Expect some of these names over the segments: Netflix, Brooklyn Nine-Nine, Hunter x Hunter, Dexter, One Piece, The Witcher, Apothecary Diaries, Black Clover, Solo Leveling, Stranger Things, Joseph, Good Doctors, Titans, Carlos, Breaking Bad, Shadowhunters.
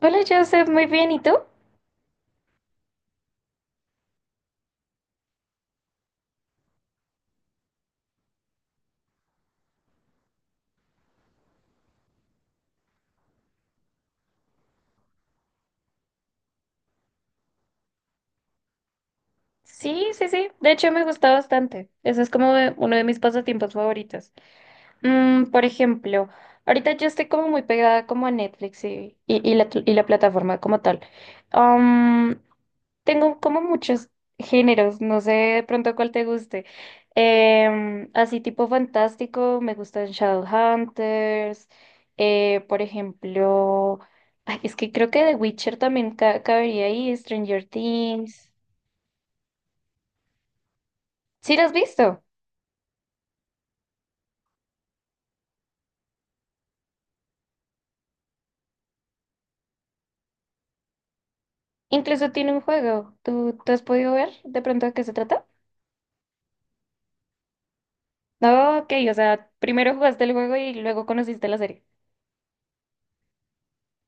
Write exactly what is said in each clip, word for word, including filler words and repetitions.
Hola, Joseph, muy bien, ¿y tú? Sí, sí, sí, de hecho me gusta bastante. Eso es como de- uno de mis pasatiempos favoritos. Mm, por ejemplo, ahorita yo estoy como muy pegada como a Netflix y, y, y la, y la plataforma como tal. Tengo como muchos géneros, no sé de pronto cuál te guste. Em, así tipo fantástico, me gustan Shadowhunters, eh, por ejemplo, ay, es que creo que The Witcher también ca- cabería ahí, Stranger Things. ¿Sí lo has visto? Incluso tiene un juego. ¿Tú, tú has podido ver de pronto de qué se trata? No, ok, o sea, primero jugaste el juego y luego conociste la serie.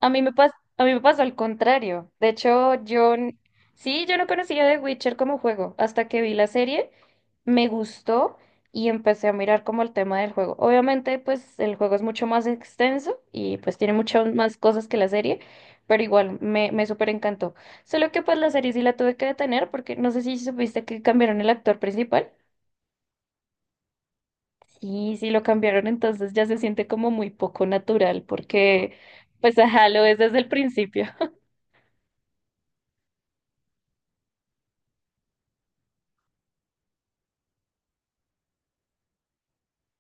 A mí me pas- a mí me pasó al contrario. De hecho, yo n- sí, yo no conocía The Witcher como juego hasta que vi la serie, me gustó y empecé a mirar como el tema del juego. Obviamente, pues el juego es mucho más extenso y pues tiene muchas más cosas que la serie, pero igual me, me súper encantó. Solo que pues la serie sí la tuve que detener porque no sé si supiste que cambiaron el actor principal. Sí, sí lo cambiaron, entonces ya se siente como muy poco natural porque pues ajá, lo es desde el principio.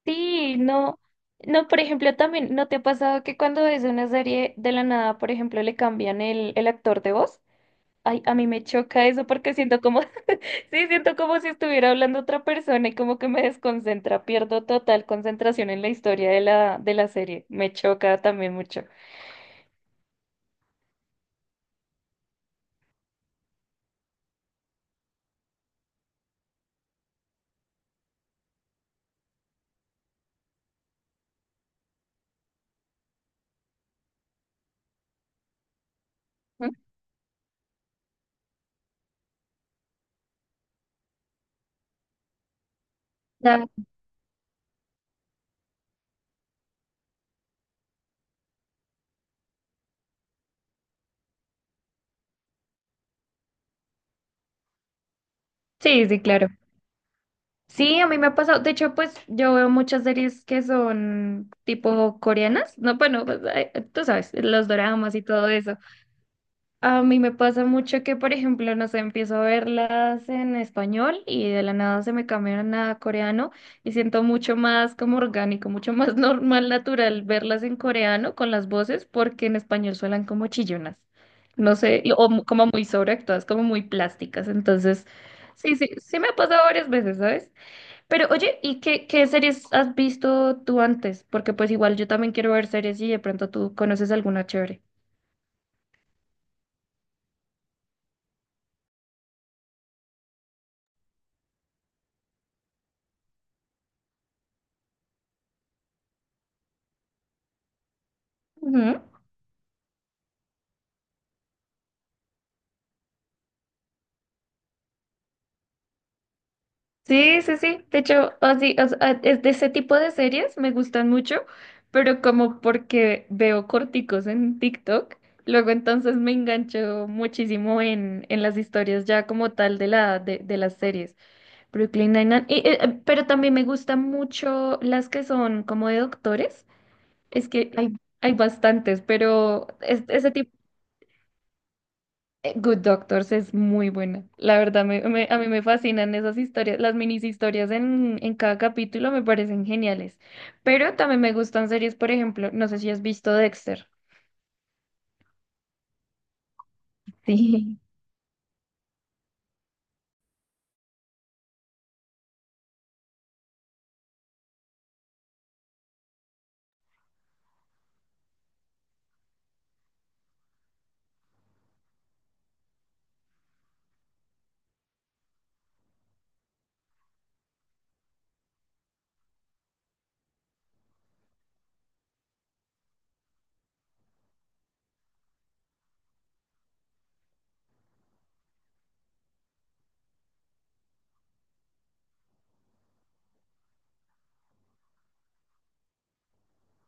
Sí, no, no, por ejemplo, también, ¿no te ha pasado que cuando ves una serie de la nada, por ejemplo, le cambian el, el actor de voz? Ay, a mí me choca eso porque siento como, sí, siento como si estuviera hablando otra persona y como que me desconcentra, pierdo total concentración en la historia de la, de la serie. Me choca también mucho. Mm, ya. Sí, sí, claro. Sí, a mí me ha pasado. De hecho, pues yo veo muchas series que son tipo coreanas. No, bueno, pues, ay, tú sabes, los doramas y todo eso. A mí me pasa mucho que, por ejemplo, no sé, empiezo a verlas en español y de la nada se me cambian a coreano y siento mucho más como orgánico, mucho más normal, natural verlas en coreano con las voces porque en español suenan como chillonas, no sé, y- o mu- como muy sobreactuadas, como muy plásticas. Entonces, sí, sí, sí me ha pasado varias veces, ¿sabes? Pero oye, ¿y qué, qué series has visto tú antes? Porque pues igual yo también quiero ver series y de pronto tú conoces alguna chévere. Ujú. Sí, sí, sí. De hecho, así, o sea, es de ese tipo de series me gustan mucho, pero como porque veo corticos en TikTok, luego entonces me engancho muchísimo en, en las historias ya como tal de la de, de las series. Brooklyn Nine-Nine. Y, eh, eh, pero también me gustan mucho las que son como de doctores. Es que hay, hay bastantes, pero es- ese tipo eh, Good Doctors es muy buena. La verdad, me- me- a mí me fascinan esas historias. Las minis historias en, en cada capítulo me parecen geniales. Pero también me gustan series, por ejemplo, no sé si has visto Dexter. Sí.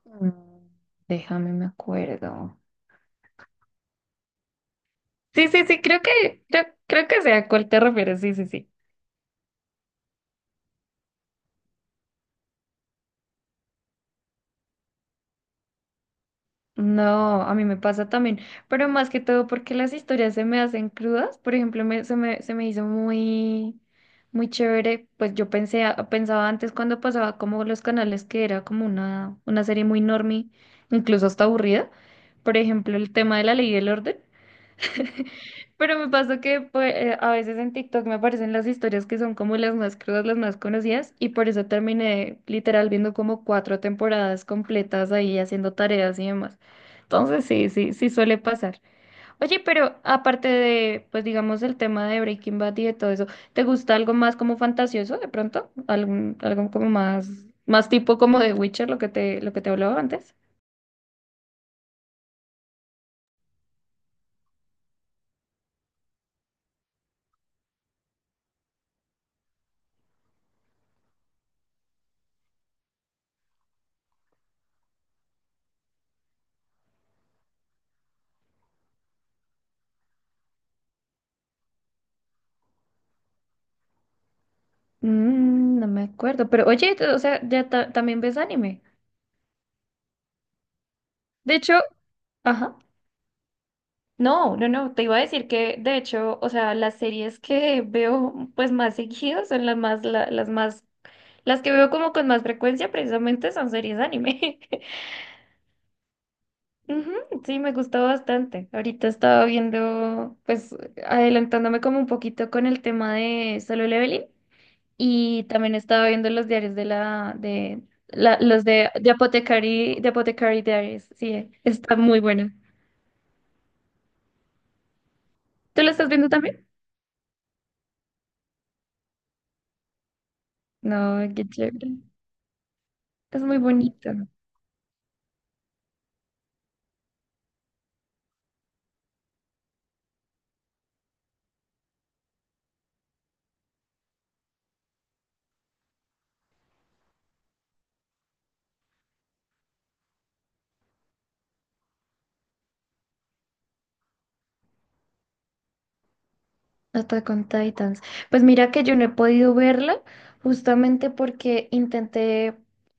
Mm, déjame, me acuerdo. Sí, sí, sí, creo que, creo, creo que sé a cuál te refieres. Sí, sí, sí. No, a mí me pasa también, pero más que todo porque las historias se me hacen crudas. Por ejemplo, me- se me, se me hizo muy, muy chévere. Pues yo pensé, a- pensaba antes cuando pasaba como los canales que era como una, una serie muy normie, incluso hasta aburrida. Por ejemplo, el tema de la ley y el orden. Pero me pasó que pues, eh, a veces en TikTok me aparecen las historias que son como las más crudas, las más conocidas, y por eso terminé literal viendo como cuatro temporadas completas ahí haciendo tareas y demás. Entonces sí, sí, sí suele pasar. Oye, pero aparte de, pues digamos, el tema de Breaking Bad y de todo eso, ¿te gusta algo más como fantasioso de pronto? ¿Algún, algo como más, más tipo como de Witcher, lo que te, lo que te hablaba antes? Mm, no me acuerdo, pero oye, o sea, ya ta- también ves anime. De hecho, ajá. No, no, no, te iba a decir que de hecho, o sea, las series que veo pues más seguidas son las más, la- las más, las que veo como con más frecuencia precisamente son series anime. Ujú, sí, me gustó bastante. Ahorita estaba viendo, pues adelantándome como un poquito con el tema de Solo Leveling y también estaba viendo los diarios de la, de, la, los de, de Apothecary, de Apothecary Diaries. Sí, está muy bueno. ¿Tú lo estás viendo también? No, qué chévere. Es muy bonito. Hasta con Titans. Pues mira que yo no he podido verla justamente porque intenté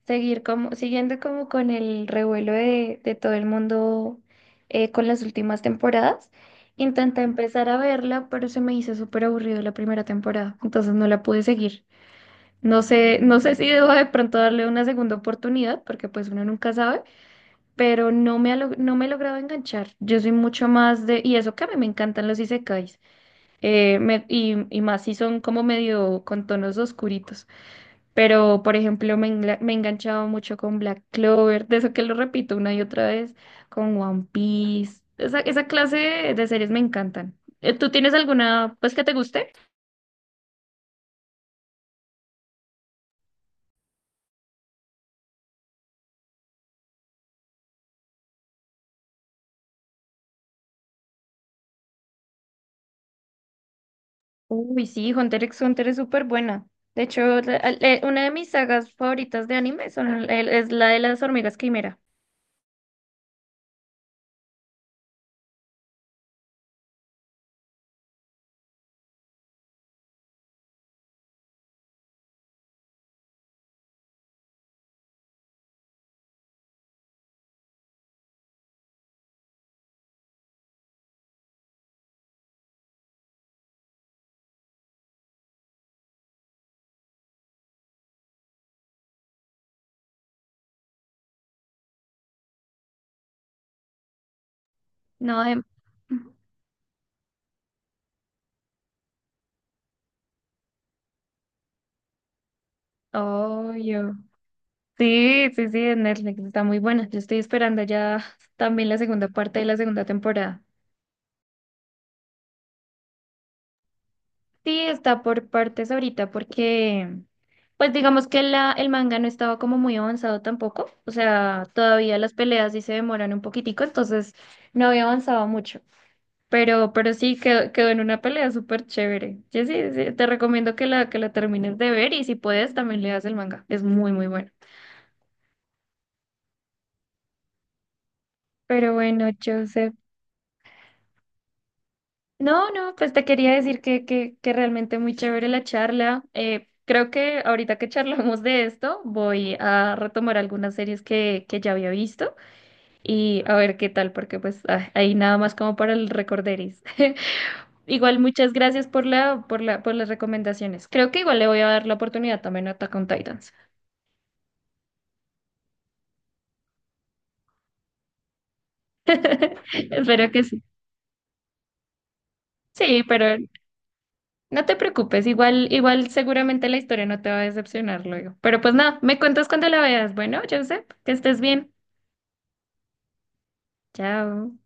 seguir como, siguiendo como con el revuelo de, de todo el mundo eh, con las últimas temporadas. Intenté empezar a verla, pero se me hizo súper aburrido la primera temporada, entonces no la pude seguir. No sé, no sé si debo de pronto darle una segunda oportunidad, porque pues uno nunca sabe. Pero no me ha, log- no me he logrado enganchar. Yo soy mucho más de, y eso que a mí me encantan los isekais, eh, me- y, y más si son como medio con tonos oscuritos. Pero, por ejemplo, me, engla- me he enganchado mucho con Black Clover, de eso que lo repito una y otra vez, con One Piece. Esa, esa clase de, de series me encantan. Eh, ¿Tú tienes alguna, pues, que te guste? Uy, sí, Hunter x Hunter es súper buena. De hecho, la- eh, una de mis sagas favoritas de anime son, el- es la de las hormigas quimera. No, de... obvio. Sí, sí, sí, de Netflix está muy buena. Yo estoy esperando ya también la segunda parte de la segunda temporada. Sí, está por partes ahorita porque, pues digamos que la, el manga no estaba como muy avanzado tampoco. O sea, todavía las peleas sí se demoran un poquitico, entonces no había avanzado mucho. Pero, pero sí quedó, quedó en una pelea súper chévere. Yo sí, sí, te recomiendo que la, que la termines de ver y si puedes también leas el manga. Es muy, muy bueno. Pero bueno, Joseph. No, no, pues te quería decir que, que, que realmente muy chévere la charla. Eh, creo que ahorita que charlamos de esto, voy a retomar algunas series que, que ya había visto y a ver qué tal, porque pues ah, ahí nada más como para el recorderis. Igual muchas gracias por la, por la, por las recomendaciones. Creo que igual le voy a dar la oportunidad también a Attack on Titans. Espero que sí. Sí, pero no te preocupes, igual, igual seguramente la historia no te va a decepcionar luego. Pero pues nada, me cuentas cuando la veas. Bueno, Joseph, que estés bien. Chao.